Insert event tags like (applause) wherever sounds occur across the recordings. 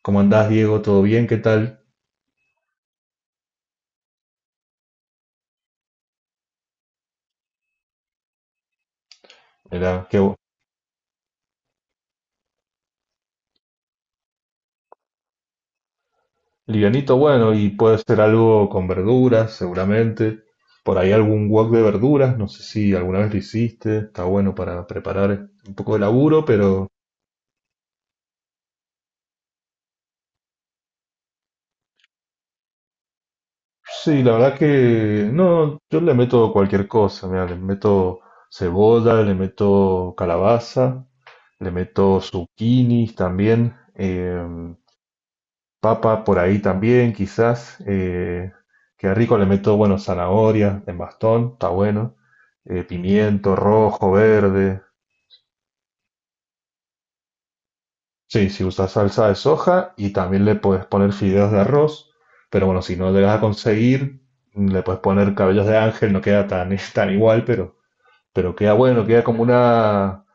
¿Cómo andás, Diego? ¿Todo bien? ¿Qué tal? Era que livianito, bueno, y puede ser algo con verduras, seguramente. Por ahí algún wok de verduras, no sé si alguna vez lo hiciste, está bueno para preparar un poco de laburo, pero sí, la verdad que no, yo le meto cualquier cosa, mira, le meto cebolla, le meto calabaza, le meto zucchinis también. Papa por ahí también, quizás. Que rico le meto, bueno, zanahoria en bastón, está bueno. Pimiento rojo, verde. Sí, si usas salsa de soja y también le puedes poner fideos de arroz. Pero bueno, si no llegas a conseguir, le puedes poner cabellos de ángel, no queda tan, (laughs) tan igual, pero queda bueno, queda como una,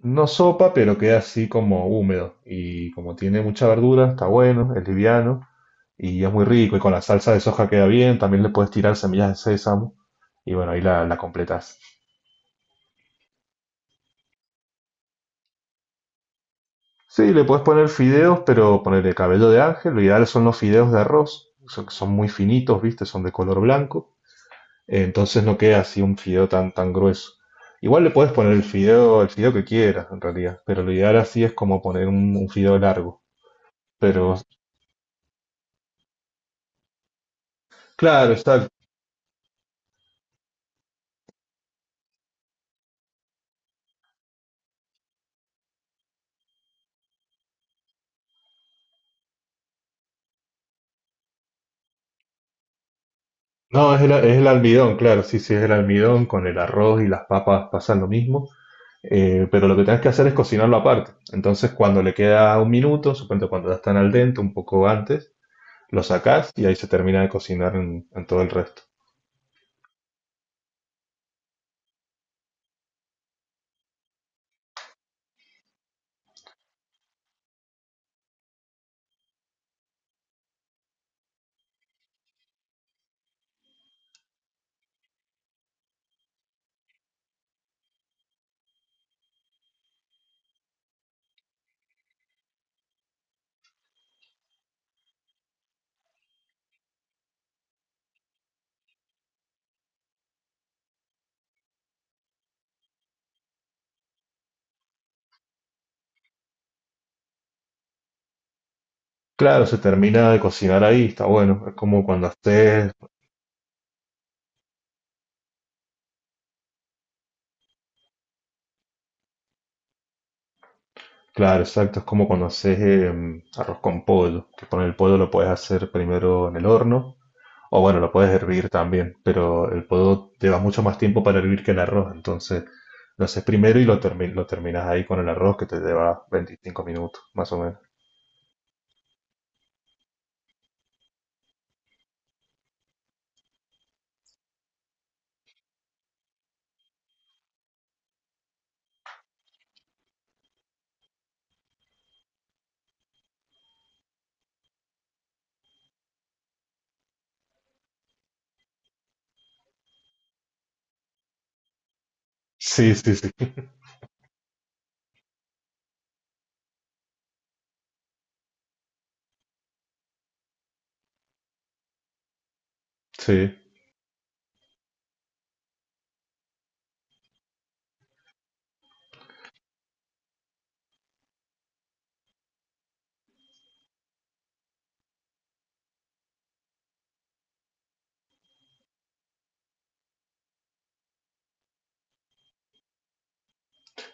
no sopa, pero queda así como húmedo. Y como tiene mucha verdura, está bueno, es liviano y es muy rico. Y con la salsa de soja queda bien. También le puedes tirar semillas de sésamo. Y bueno, ahí la completas. Sí, le puedes poner fideos, pero ponerle cabello de ángel. Lo ideal son los fideos de arroz. Son, son muy finitos, ¿viste? Son de color blanco. Entonces no queda así un fideo tan, tan grueso. Igual le puedes poner el fideo que quieras, en realidad. Pero lo ideal así es como poner un fideo largo. Pero, claro, exacto. No, es el almidón, claro, sí, sí, es el almidón, con el arroz y las papas pasan lo mismo, pero lo que tenés que hacer es cocinarlo aparte. Entonces, cuando le queda un minuto, supongo cuando ya están al dente, un poco antes, lo sacás y ahí se termina de cocinar en todo el resto. Claro, se termina de cocinar ahí, está bueno, es como cuando haces, claro, exacto, es como cuando haces arroz con pollo, que con el pollo lo puedes hacer primero en el horno. O bueno, lo puedes hervir también, pero el podo lleva mucho más tiempo para hervir que el arroz, entonces lo haces primero y lo terminas ahí con el arroz que te lleva 25 minutos, más o menos. Sí, sí, sí. (laughs) Sí,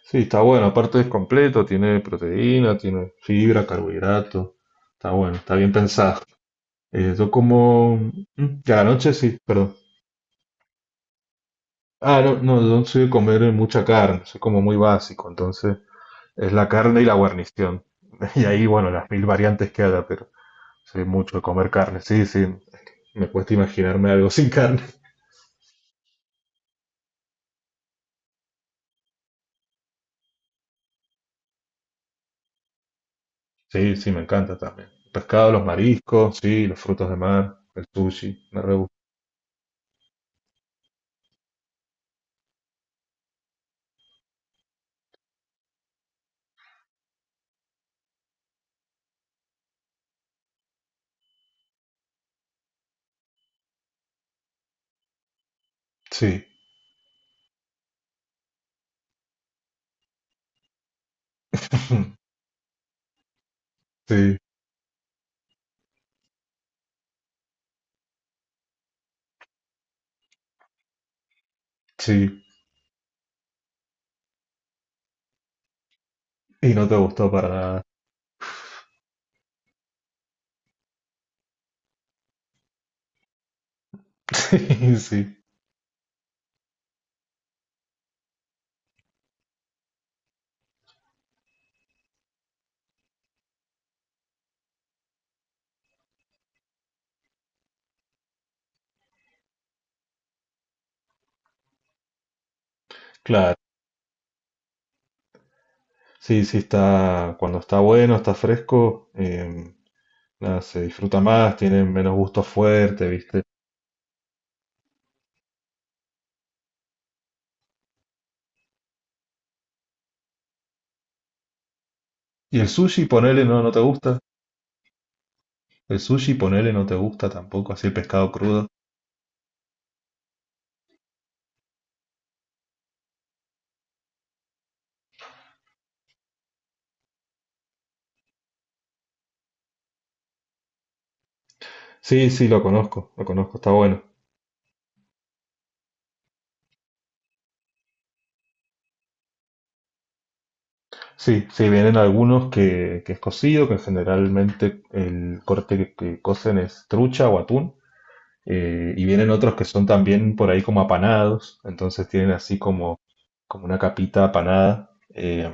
sí, está bueno. Aparte es completo, tiene proteína, tiene fibra, carbohidrato. Está bueno, está bien pensado. Yo como... mm, y a la noche sí, perdón. Ah, no, no, yo no soy de comer mucha carne, soy como muy básico, entonces es la carne y la guarnición. (laughs) Y ahí, bueno, las mil variantes que haya, pero soy mucho de comer carne. Sí, sí. Me cuesta imaginarme algo (laughs) sin carne. Sí, sí, me encanta también. Pescado, los mariscos, sí, los frutos de mar, el sushi, me re gusta. Sí, (laughs) sí, sí. Y no te gustó para nada. (laughs) Sí, sí. Claro. Sí, sí, está. Cuando está bueno, está fresco, nada, se disfruta más, tiene menos gusto fuerte, ¿viste? Y el sushi, ponele, no, no te gusta. El sushi, ponele, no te gusta tampoco, así el pescado crudo. Sí, sí, lo conozco, está bueno. Sí, sí, vienen algunos que es cocido, que generalmente el corte que cocen es trucha o atún, y vienen otros que son también por ahí como apanados, entonces tienen así como, como una capita apanada,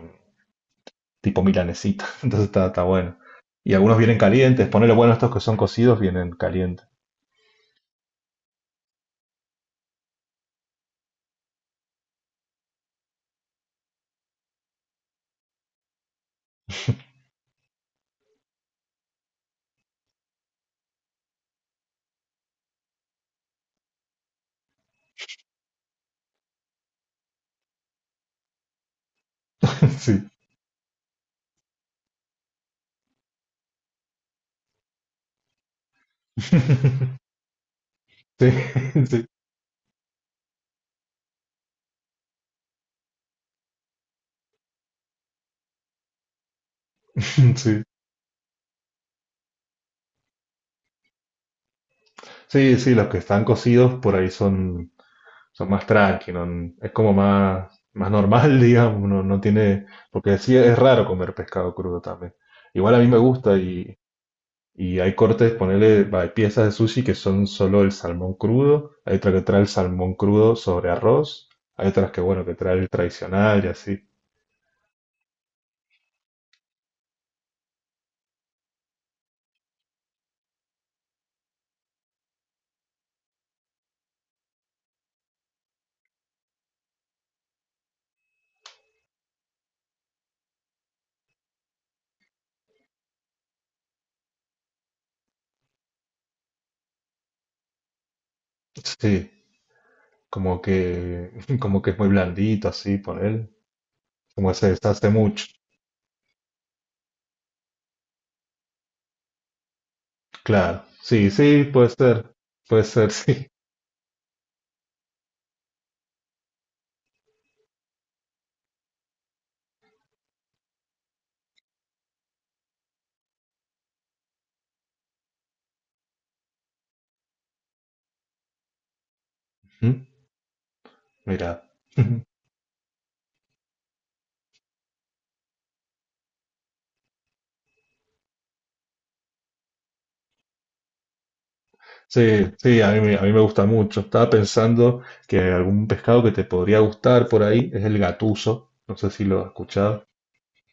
tipo milanesita, (laughs) entonces está, está bueno. Y algunos vienen calientes, ponele bueno, estos que son cocidos vienen calientes. (laughs) Sí. (laughs) Sí, (laughs) sí, sí. Sí, sí, los que están cocidos por ahí son son más tranqui, no- es como más, más normal, (laughs) digamos, no, no tiene, porque sí es raro comer pescado crudo también. Igual a mí me gusta y hay cortes, ponele, va, hay piezas de sushi que son solo el salmón crudo, hay otra que trae el salmón crudo sobre arroz, hay otras que, bueno, que trae el tradicional y así. Sí, como que, (laughs) como que es muy blandito así, ponele, como se deshace mucho. Claro, sí, sí, puede ser, (laughs) sí. ¿Mm? Mira. (laughs) Sí, sí, a mí me gusta mucho. Estaba pensando que algún pescado que te podría gustar por ahí es el gatuso. No sé si lo has escuchado.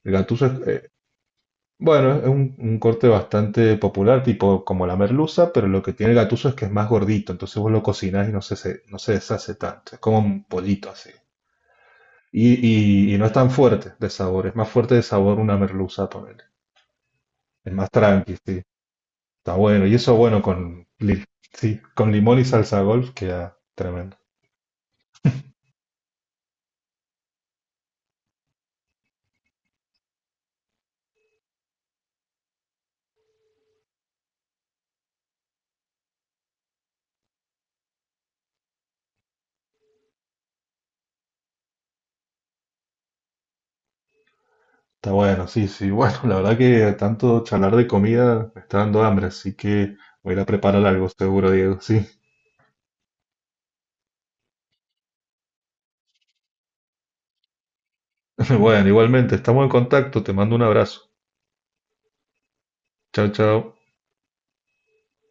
El gatuso es, bueno, es un corte bastante popular, tipo como la merluza, pero lo que tiene el gatuso es que es más gordito, entonces vos lo cocinás y no se, se- no se deshace tanto. Es como un pollito así. Y, y no es tan fuerte de sabor, es más fuerte de sabor una merluza, ponele. Es más tranqui, sí. Está bueno. Y eso, bueno, con, li- sí, con limón y salsa golf queda tremendo. Está bueno, sí, sí. (laughs) Bueno, la verdad que tanto charlar de comida me está dando hambre, así que voy a ir a preparar algo seguro, Diego. Sí. (laughs) Bueno, igualmente, estamos en contacto. Te mando un abrazo. Chao, chao.